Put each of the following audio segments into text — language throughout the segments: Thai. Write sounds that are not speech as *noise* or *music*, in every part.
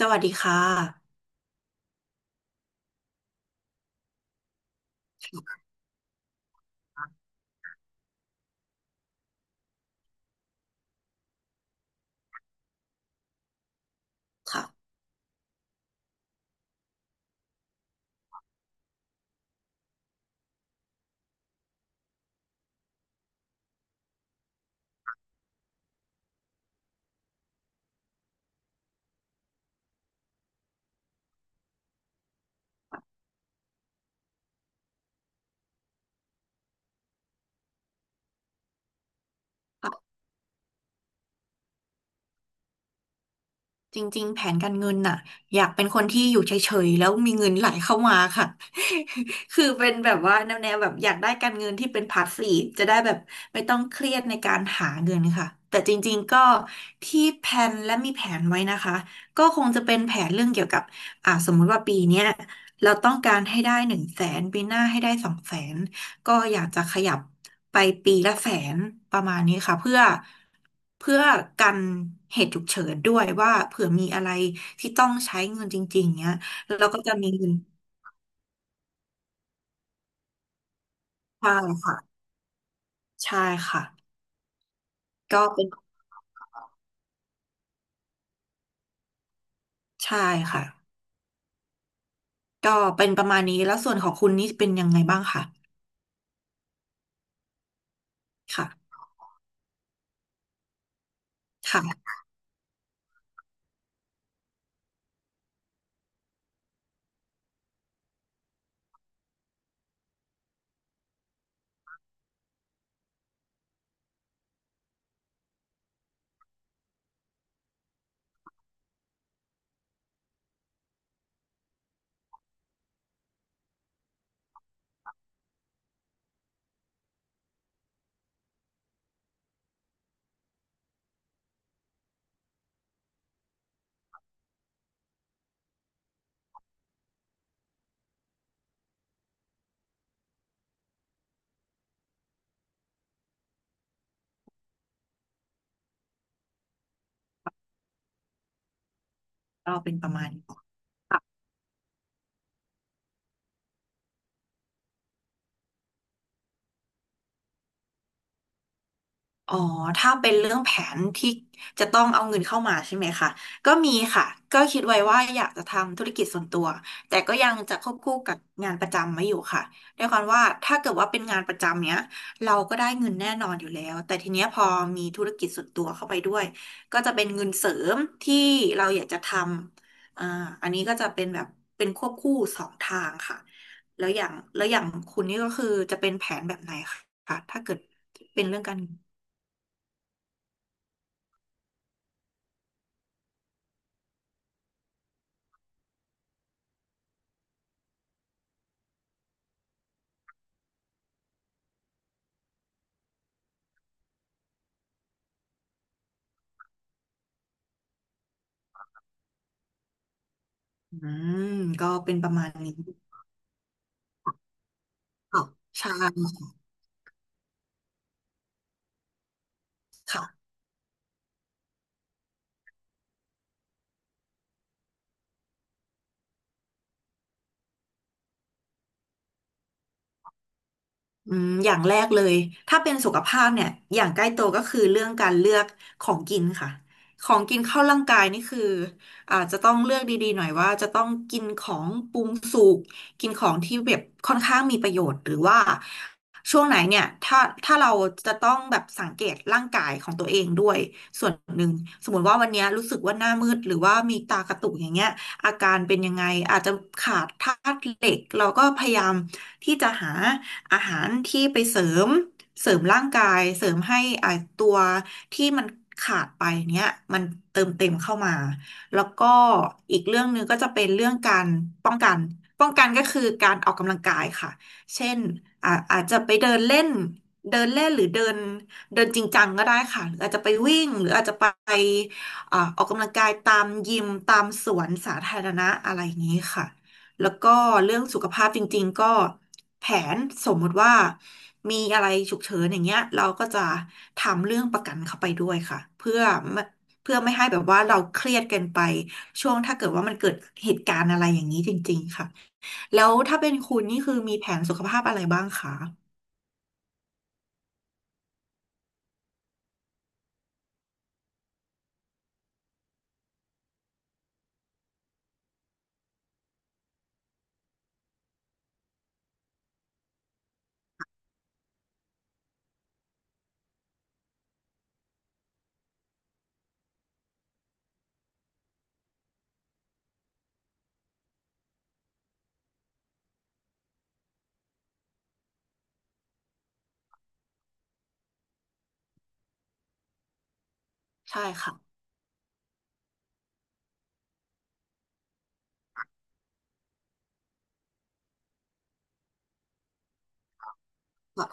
สวัสดีค่ะค่ะ จริงๆแผนการเงินน่ะอยากเป็นคนที่อยู่เฉยๆแล้วมีเงินไหลเข้ามาค่ะ *laughs* คือเป็นแบบว่าแนวๆแบบอยากได้การเงินที่เป็นพาสซีฟจะได้แบบไม่ต้องเครียดในการหาเงินค่ะ แต่จริงๆก็ที่แพลนและมีแผนไว้นะคะ ก็คงจะเป็นแผนเรื่องเกี่ยวกับสมมุติว่าปีเนี้ยเราต้องการให้ได้100,000ปีหน้าให้ได้200,000 ก็อยากจะขยับไปปีละแสนประมาณนี้ค่ะเพื่อกันเหตุฉุกเฉินด้วยว่าเผื่อมีอะไรที่ต้องใช้เงินจริงๆเนี้ยเราก็จะมีเงินใช่ค่ะใช่ค่ะก็เป็นใช่ค่ะก็เป็นประมาณนี้แล้วส่วนของคุณนี่เป็นยังไงบ้างค่ะค่ะค่ะก็เป็นประมาณนี้ อ๋อถ้าเป็นเรื่องแผนที่จะต้องเอาเงินเข้ามาใช่ไหมคะก็มีค่ะ ก็คิดไว้ว่าอยากจะทำธุรกิจส่วนตัว แต่ก็ยังจะควบคู่กับงานประจำไว้อยู่ค่ะด้วยความว่าถ้าเกิดว่าเป็นงานประจำเนี้ยเราก็ได้เงินแน่นอนอยู่แล้วแต่ทีเนี้ยพอมีธุรกิจส่วนตัวเข้าไปด้วยก็จะเป็นเงินเสริมที่เราอยากจะทำอันนี้ก็จะเป็นแบบเป็นควบคู่สองทางค่ะแล้วอย่างแล้วอย่างคุณนี่ก็คือจะเป็นแผนแบบไหนคะถ้าเกิดเป็นเรื่องการ อืมก็เป็นประมาณนี้ค่ะใช่ค่ะ อืมอย่างแรกเลยถ้าเป็นสุขภาพเนี่ยอย่างใกล้ตัวก็คือเรื่องการเลือกของกินค่ะของกินเข้าร่างกายนี่คืออาจจะต้องเลือกดีๆหน่อยว่าจะต้องกินของปรุงสุกกินของที่แบบค่อนข้างมีประโยชน์หรือว่าช่วงไหนเนี่ยถ้าเราจะต้องแบบสังเกตร่างกายของตัวเองด้วยส่วนหนึ่งสมมติว่าวันเนี้ยรู้สึกว่าหน้ามืดหรือว่ามีตากระตุกอย่างเงี้ยอาการเป็นยังไงอาจจะขาดธาตุเหล็กเราก็พยายามที่จะหา อาหารที่ไปเสริมร่างกายเสริมให้ตัวที่มันขาดไปเนี้ยมันเติมเต็มเข้ามาแล้วก็อีกเรื่องหนึ่งก็จะเป็นเรื่องการป้องกันป้องกันก็คือการออกกำลังกายค่ะเช่นอาจจะไปเดินเล่นเดินเล่นหรือเดินเดินจริงจังก็ได้ค่ะหรืออาจจะไปวิ่งหรืออาจจะไปออกกำลังกายตามยิมตามสวนสาธารณะอะไรอย่างนี้ค่ะ แล้วก็เรื่องสุขภาพจริงๆก็แผนสมมติว่ามีอะไรฉุกเฉินอย่างเงี้ยเราก็จะทำเรื่องประกันเข้าไปด้วยค่ะไม่เพื่อไม่ให้แบบว่าเราเครียดเกินไปช่วงถ้าเกิดว่ามันเกิดเหตุการณ์อะไรอย่างนี้จริงๆค่ะแล้วถ้าเป็นคุณนี่คือมีแผนสุขภาพอะไรบ้างคะใช่ค่ะก็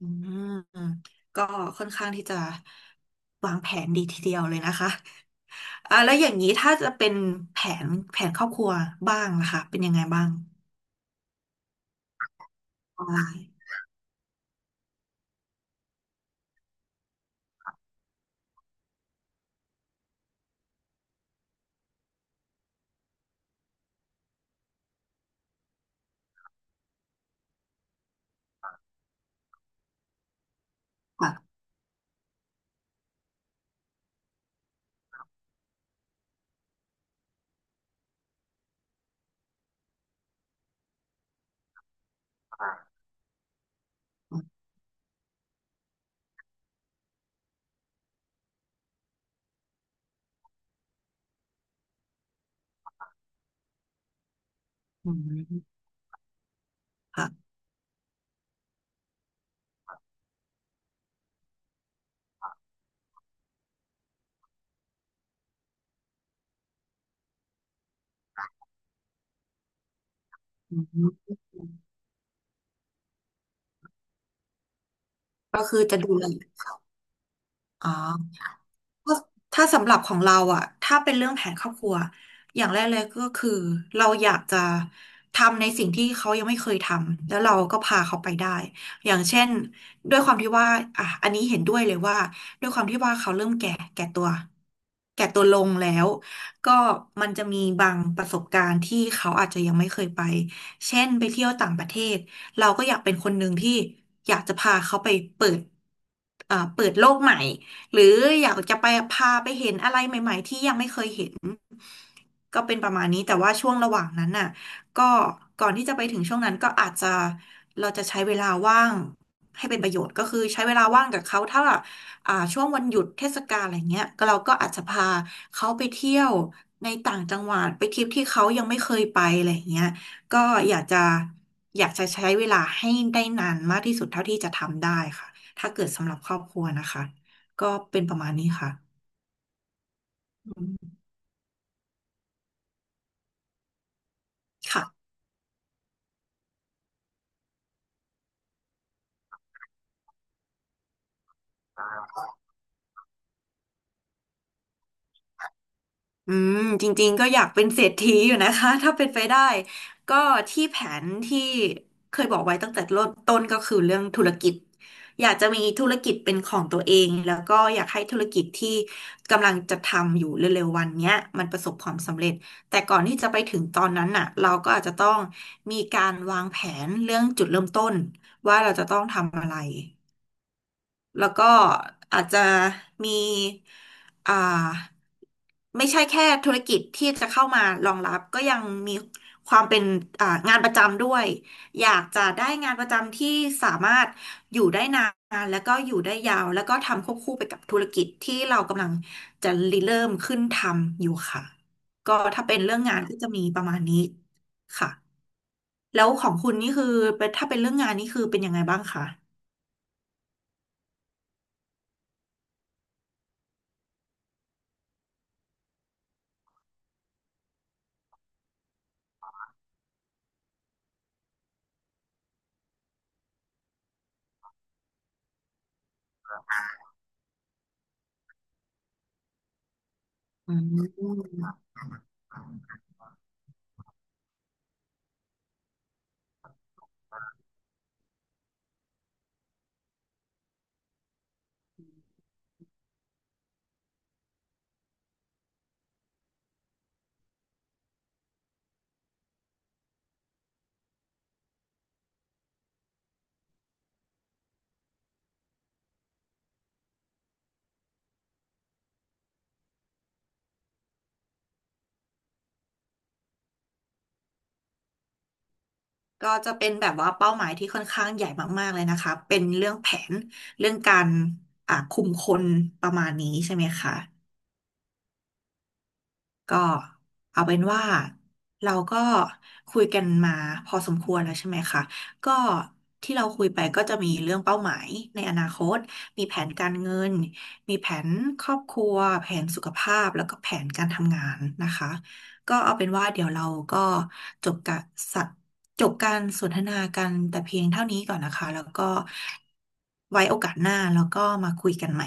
อืมก็ค่อนข้างที่จะวางแผนดีทีเดียวเลยนะคะ อ่ะแล้วอย่างนี้ถ้าจะเป็นแผแผนครอบครัวบ้างล่ะคะเป็นยังไงบ้างออนไลน์ค่ะอืมค่ะอืมก็คือจะดูแลอ๋อ ก็ถ้าสำหรับของเราอะถ้าเป็นเรื่องแผนครอบครัวอย่างแรกเลยก็คือเราอยากจะทำในสิ่งที่เขายังไม่เคยทำแล้วเราก็พาเขาไปได้อย่างเช่นด้วยความที่ว่าอ่ะอันนี้เห็นด้วยเลยว่าด้วยความที่ว่าเขาเริ่มแก่แก่ตัวแก่ตัวลงแล้วก็มันจะมีบางประสบการณ์ที่เขาอาจจะยังไม่เคยไปเช่นไปเที่ยวต่างประเทศเราก็อยากเป็นคนหนึ่งที่อยากจะพาเขาไปเปิดเปิดโลกใหม่ หรืออยากจะไปพาไปเห็นอะไรใหม่ๆที่ยังไม่เคยเห็นก็เป็นประมาณนี้แต่ว่าช่วงระหว่างนั้นน่ะก็ก่อนที่จะไปถึงช่วงนั้นก็อาจจะเราจะใช้เวลาว่างให้เป็นประโยชน์ก็คือใช้เวลาว่างกับเขาถ้าช่วงวันหยุดเทศกาลอะไรเงี้ยก็เราก็อาจจะพาเขาไปเที่ยวในต่างจังหวัดไปทริปที่เขายังไม่เคยไปอะไรเงี้ยก็อยากจะอยากจะใช้เวลาให้ได้นานมากที่สุดเท่าที่จะทำได้ค่ะถ้าเกิดสำหรับครอบครัวนะคะ ก็เป็นประมาณนี้ค่ะอืมค่ะอืมจริงๆก็อยากเป็นเศรษฐีอยู่นะคะ *laughs* ถ้าเป็นไปได้ ก็ที่แผนที่เคยบอกไว้ตั้งแต่เริ่มต้นก็คือเรื่องธุรกิจ อยากจะมีธุรกิจเป็นของตัวเองแล้วก็อยากให้ธุรกิจที่กำลังจะทำอยู่เร็วๆวันเนี้ยมันประสบความสำเร็จ แต่ก่อนที่จะไปถึงตอนนั้นน่ะเราก็อาจจะต้องมีการวางแผนเรื่องจุดเริ่มต้นว่าเราจะต้องทำอะไร แล้วก็อาจจะมีอ่าไม่ใช่แค่ธุรกิจที่จะเข้ามารองรับก็ยังมีความเป็นงานประจำด้วยอยากจะได้งานประจำที่สามารถอยู่ได้นานแล้วก็อยู่ได้ยาวแล้วก็ทำควบคู่ไปกับธุรกิจที่เรากำลังจะริเริ่มขึ้นทำอยู่ค่ะก็ถ้าเป็นเรื่องงานก็จะมีประมาณนี้ค่ะแล้วของคุณนี่คือเป็นถ้าเป็นเรื่องงานนี่คือเป็นยังไงบ้างคะอืม ก็จะเป็นแบบว่าเป้าหมายที่ค่อนข้างใหญ่มากๆเลยนะคะ เป็นเรื่องแผนเรื่องการคุมคนประมาณนี้ใช่ไหมคะ ก็เอาเป็นว่าเราก็คุยกันมาพอสมควรแล้วใช่ไหมคะก็ที่เราคุยไปก็จะมีเรื่องเป้าหมายในอนาคตมีแผนการเงินมีแผนครอบครัวแผนสุขภาพแล้วก็แผนการทำงานนะคะก็เอาเป็นว่าเดี๋ยวเราก็จบการสะจบการสนทนากันแต่เพียงเท่านี้ก่อนนะคะแล้วก็ไว้โอกาสหน้าแล้วก็มาคุยกันใหม่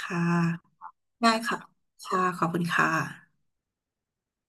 ค่ะได้ค่ะค่ะขอบคุณค่ะ